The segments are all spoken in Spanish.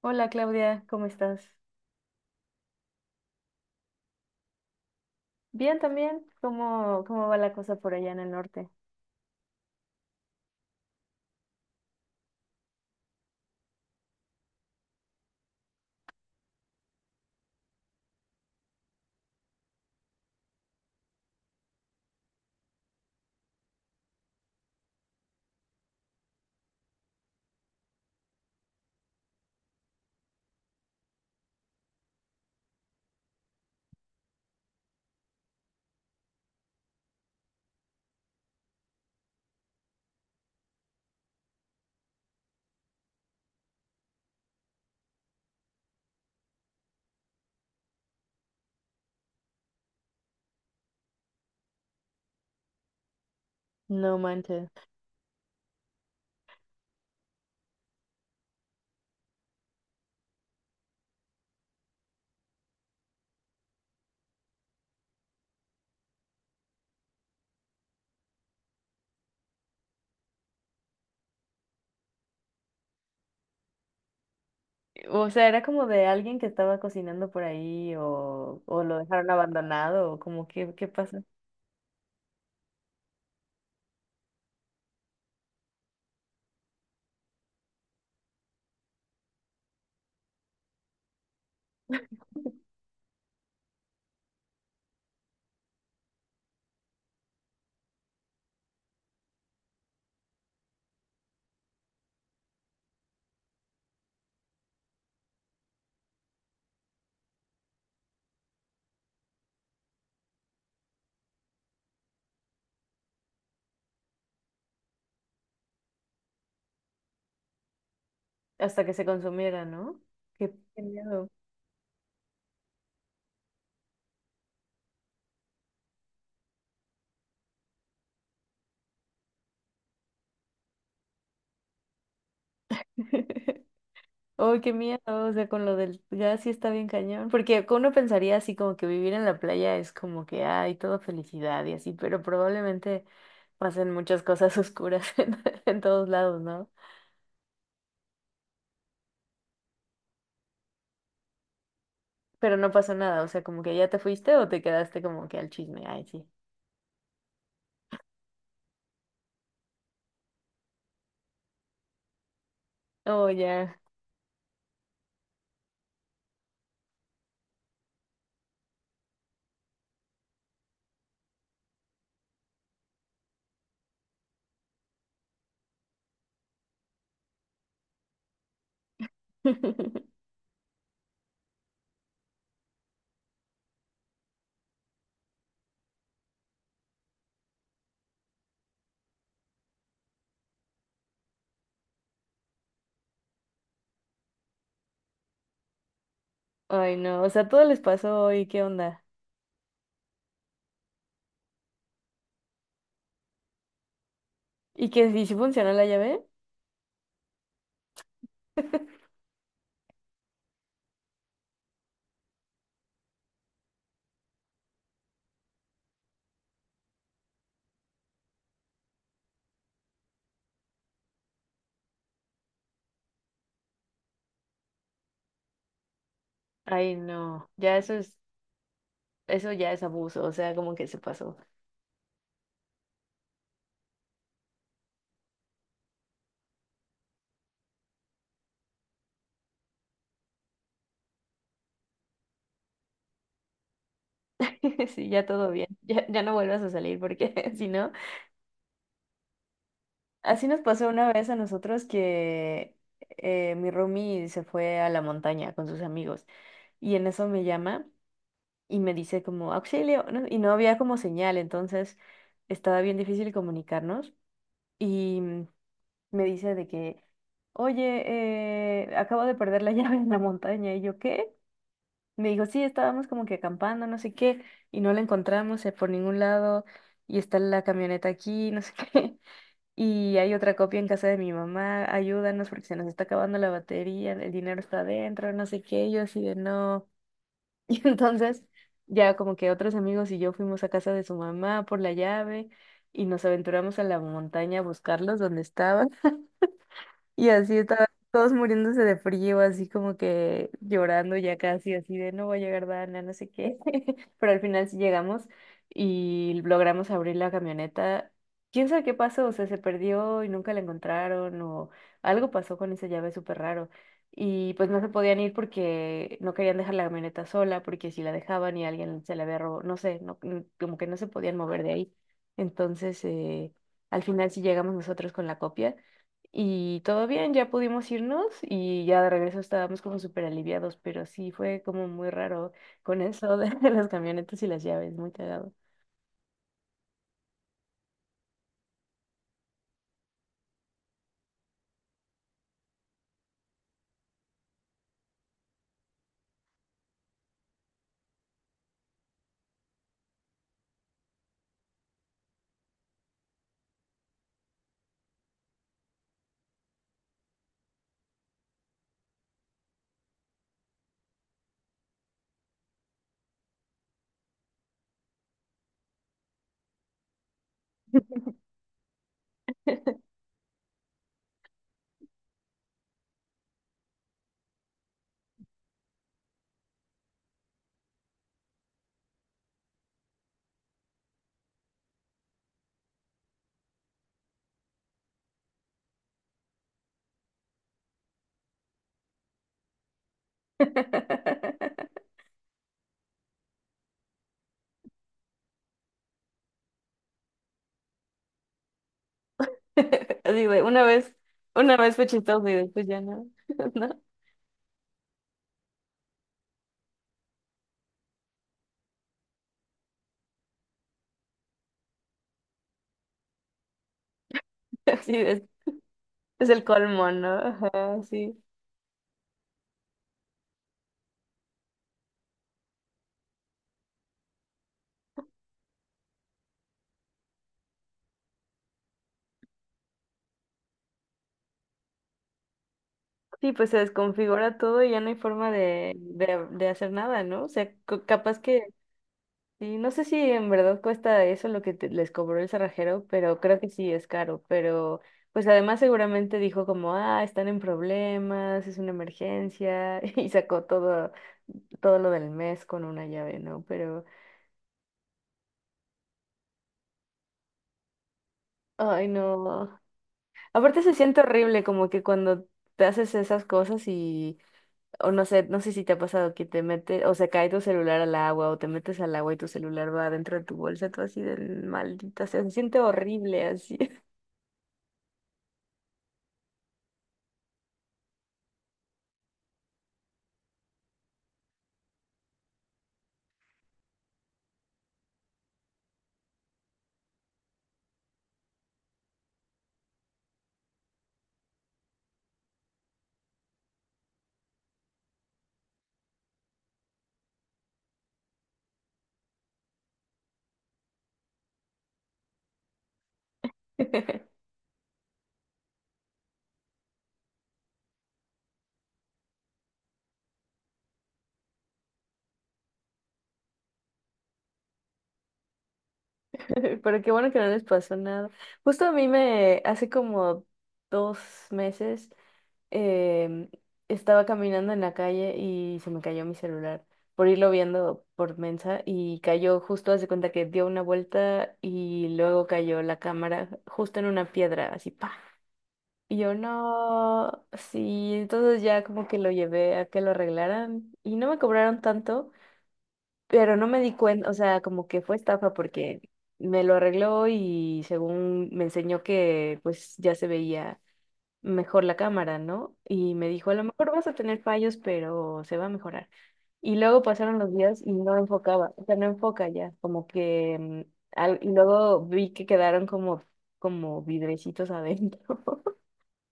Hola Claudia, ¿cómo estás? Bien también. ¿Cómo va la cosa por allá en el norte? No manches. O sea, ¿era como de alguien que estaba cocinando por ahí o lo dejaron abandonado o como qué, qué pasa? Hasta que se consumiera, ¿no? Qué miedo. Oh, qué miedo, o sea, con lo del gas sí está bien cañón, porque uno pensaría así como que vivir en la playa es como que hay todo felicidad y así, pero probablemente pasen muchas cosas oscuras en todos lados, ¿no? Pero no pasó nada, o sea, como que ya te fuiste o te quedaste como que al chisme. Ay, sí. Oh, ya. Ay, no, o sea, todo les pasó hoy, ¿qué onda? ¿Y que si funcionó la llave? Ay, no, ya eso es, eso ya es abuso, o sea, como que se pasó. Sí, ya todo bien, ya, ya no vuelvas a salir porque si no, así nos pasó una vez a nosotros que mi roomie se fue a la montaña con sus amigos y en eso me llama. Y me dice como auxilio, ¿no? Y no había como señal, entonces estaba bien difícil comunicarnos y me dice de oye, acabo de perder la llave en la montaña y yo, ¿qué? Me dijo, sí, estábamos como que acampando, no sé qué, y no la encontramos por ningún lado y está la camioneta aquí, no sé qué. Y hay otra copia en casa de mi mamá, ayúdanos porque se nos está acabando la batería, el dinero está adentro, no sé qué, y yo así de no. Y entonces ya como que otros amigos y yo fuimos a casa de su mamá por la llave y nos aventuramos a la montaña a buscarlos donde estaban. Y así estaban todos muriéndose de frío, así como que llorando ya casi, así de no va a llegar Dana, no sé qué. Pero al final sí llegamos y logramos abrir la camioneta. ¿Quién sabe qué pasó? O sea, se perdió y nunca la encontraron o algo pasó con esa llave súper raro. Y pues no se podían ir porque no querían dejar la camioneta sola, porque si la dejaban y alguien se la había robado, no sé, no, como que no se podían mover de ahí. Entonces, al final sí llegamos nosotros con la copia. Y todo bien, ya pudimos irnos y ya de regreso estábamos como súper aliviados, pero sí fue como muy raro con eso de las camionetas y las llaves, muy cagado. Así de, una vez fue chistoso y después ya no, ¿no? Así es el colmo, ¿no? Ajá, sí. Sí, pues se desconfigura todo y ya no hay forma de, de hacer nada, ¿no? O sea, co- capaz que y no sé si en verdad cuesta eso lo que te- les cobró el cerrajero, pero creo que sí es caro. Pero pues además seguramente dijo como, ah, están en problemas, es una emergencia, y sacó todo, todo lo del mes con una llave, ¿no? Pero, ay, no. Aparte se siente horrible como que cuando te haces esas cosas y, o no sé, no sé si te ha pasado que te mete, o se cae tu celular al agua, o te metes al agua y tu celular va dentro de tu bolsa, tú así de maldita sea, se siente horrible así. Pero qué bueno que no les pasó nada. Justo a mí me, hace como dos meses, em, estaba caminando en la calle y se me cayó mi celular por irlo viendo por Mensa y cayó justo, hace cuenta que dio una vuelta y luego cayó la cámara justo en una piedra, así, pa. Y yo no, sí, entonces ya como que lo llevé a que lo arreglaran y no me cobraron tanto. Pero no me di cuenta, o sea, como que fue estafa porque me lo arregló y según me enseñó que pues ya se veía mejor la cámara, ¿no? Y me dijo, a lo mejor vas a tener fallos, pero se va a mejorar. Y luego pasaron los días y no enfocaba, o sea, no enfoca ya, como que... al- y luego vi que quedaron como, como vidrecitos adentro.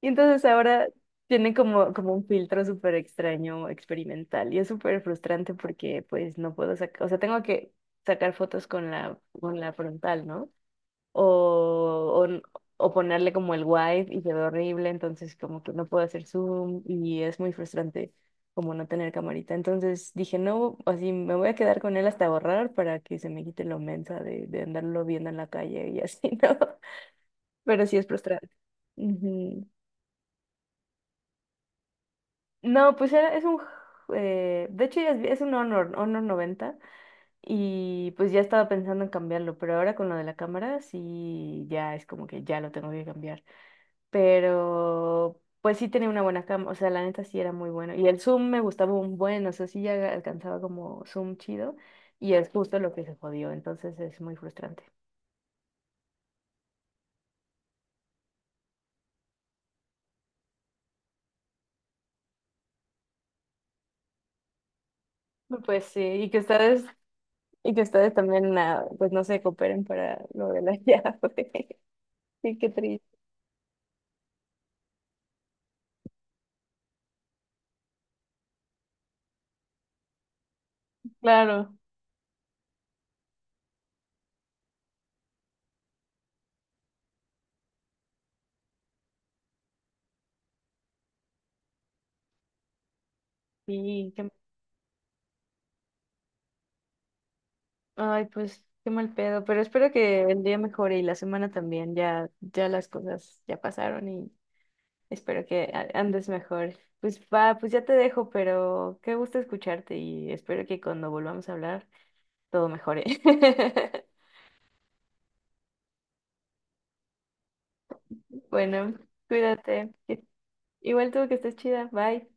Y entonces ahora tienen como, como un filtro súper extraño, experimental, y es súper frustrante porque pues no puedo sacar, o sea, tengo que sacar fotos con la frontal, ¿no? O, o, n- o ponerle como el wide y se ve horrible, entonces como que no puedo hacer zoom y es muy frustrante como no tener camarita. Entonces dije, no, así me voy a quedar con él hasta borrar para que se me quite lo mensa de andarlo viendo en la calle y así, ¿no? Pero sí es frustrante. Ujú. No, pues era, es un... de hecho ya es un Honor, Honor 90 y pues ya estaba pensando en cambiarlo, pero ahora con lo de la cámara sí ya es como que ya lo tengo que cambiar. Pero pues sí tenía una buena cámara, o sea, la neta sí era muy bueno. Y el zoom me gustaba un buen, o sea, sí ya alcanzaba como zoom chido y es justo lo que se jodió, entonces es muy frustrante. Pues sí, y que ustedes también, ah, pues no se cooperen para lo de la llave. Sí, qué triste. Claro. Sí, qué- ay, pues qué mal pedo, pero espero que el día mejore y la semana también, ya, ya las cosas ya pasaron y espero que a- andes mejor. Pues va, pues ya te dejo, pero qué gusto escucharte y espero que cuando volvamos a hablar todo mejore. Bueno, cuídate. Que- igual tú que estés chida, bye.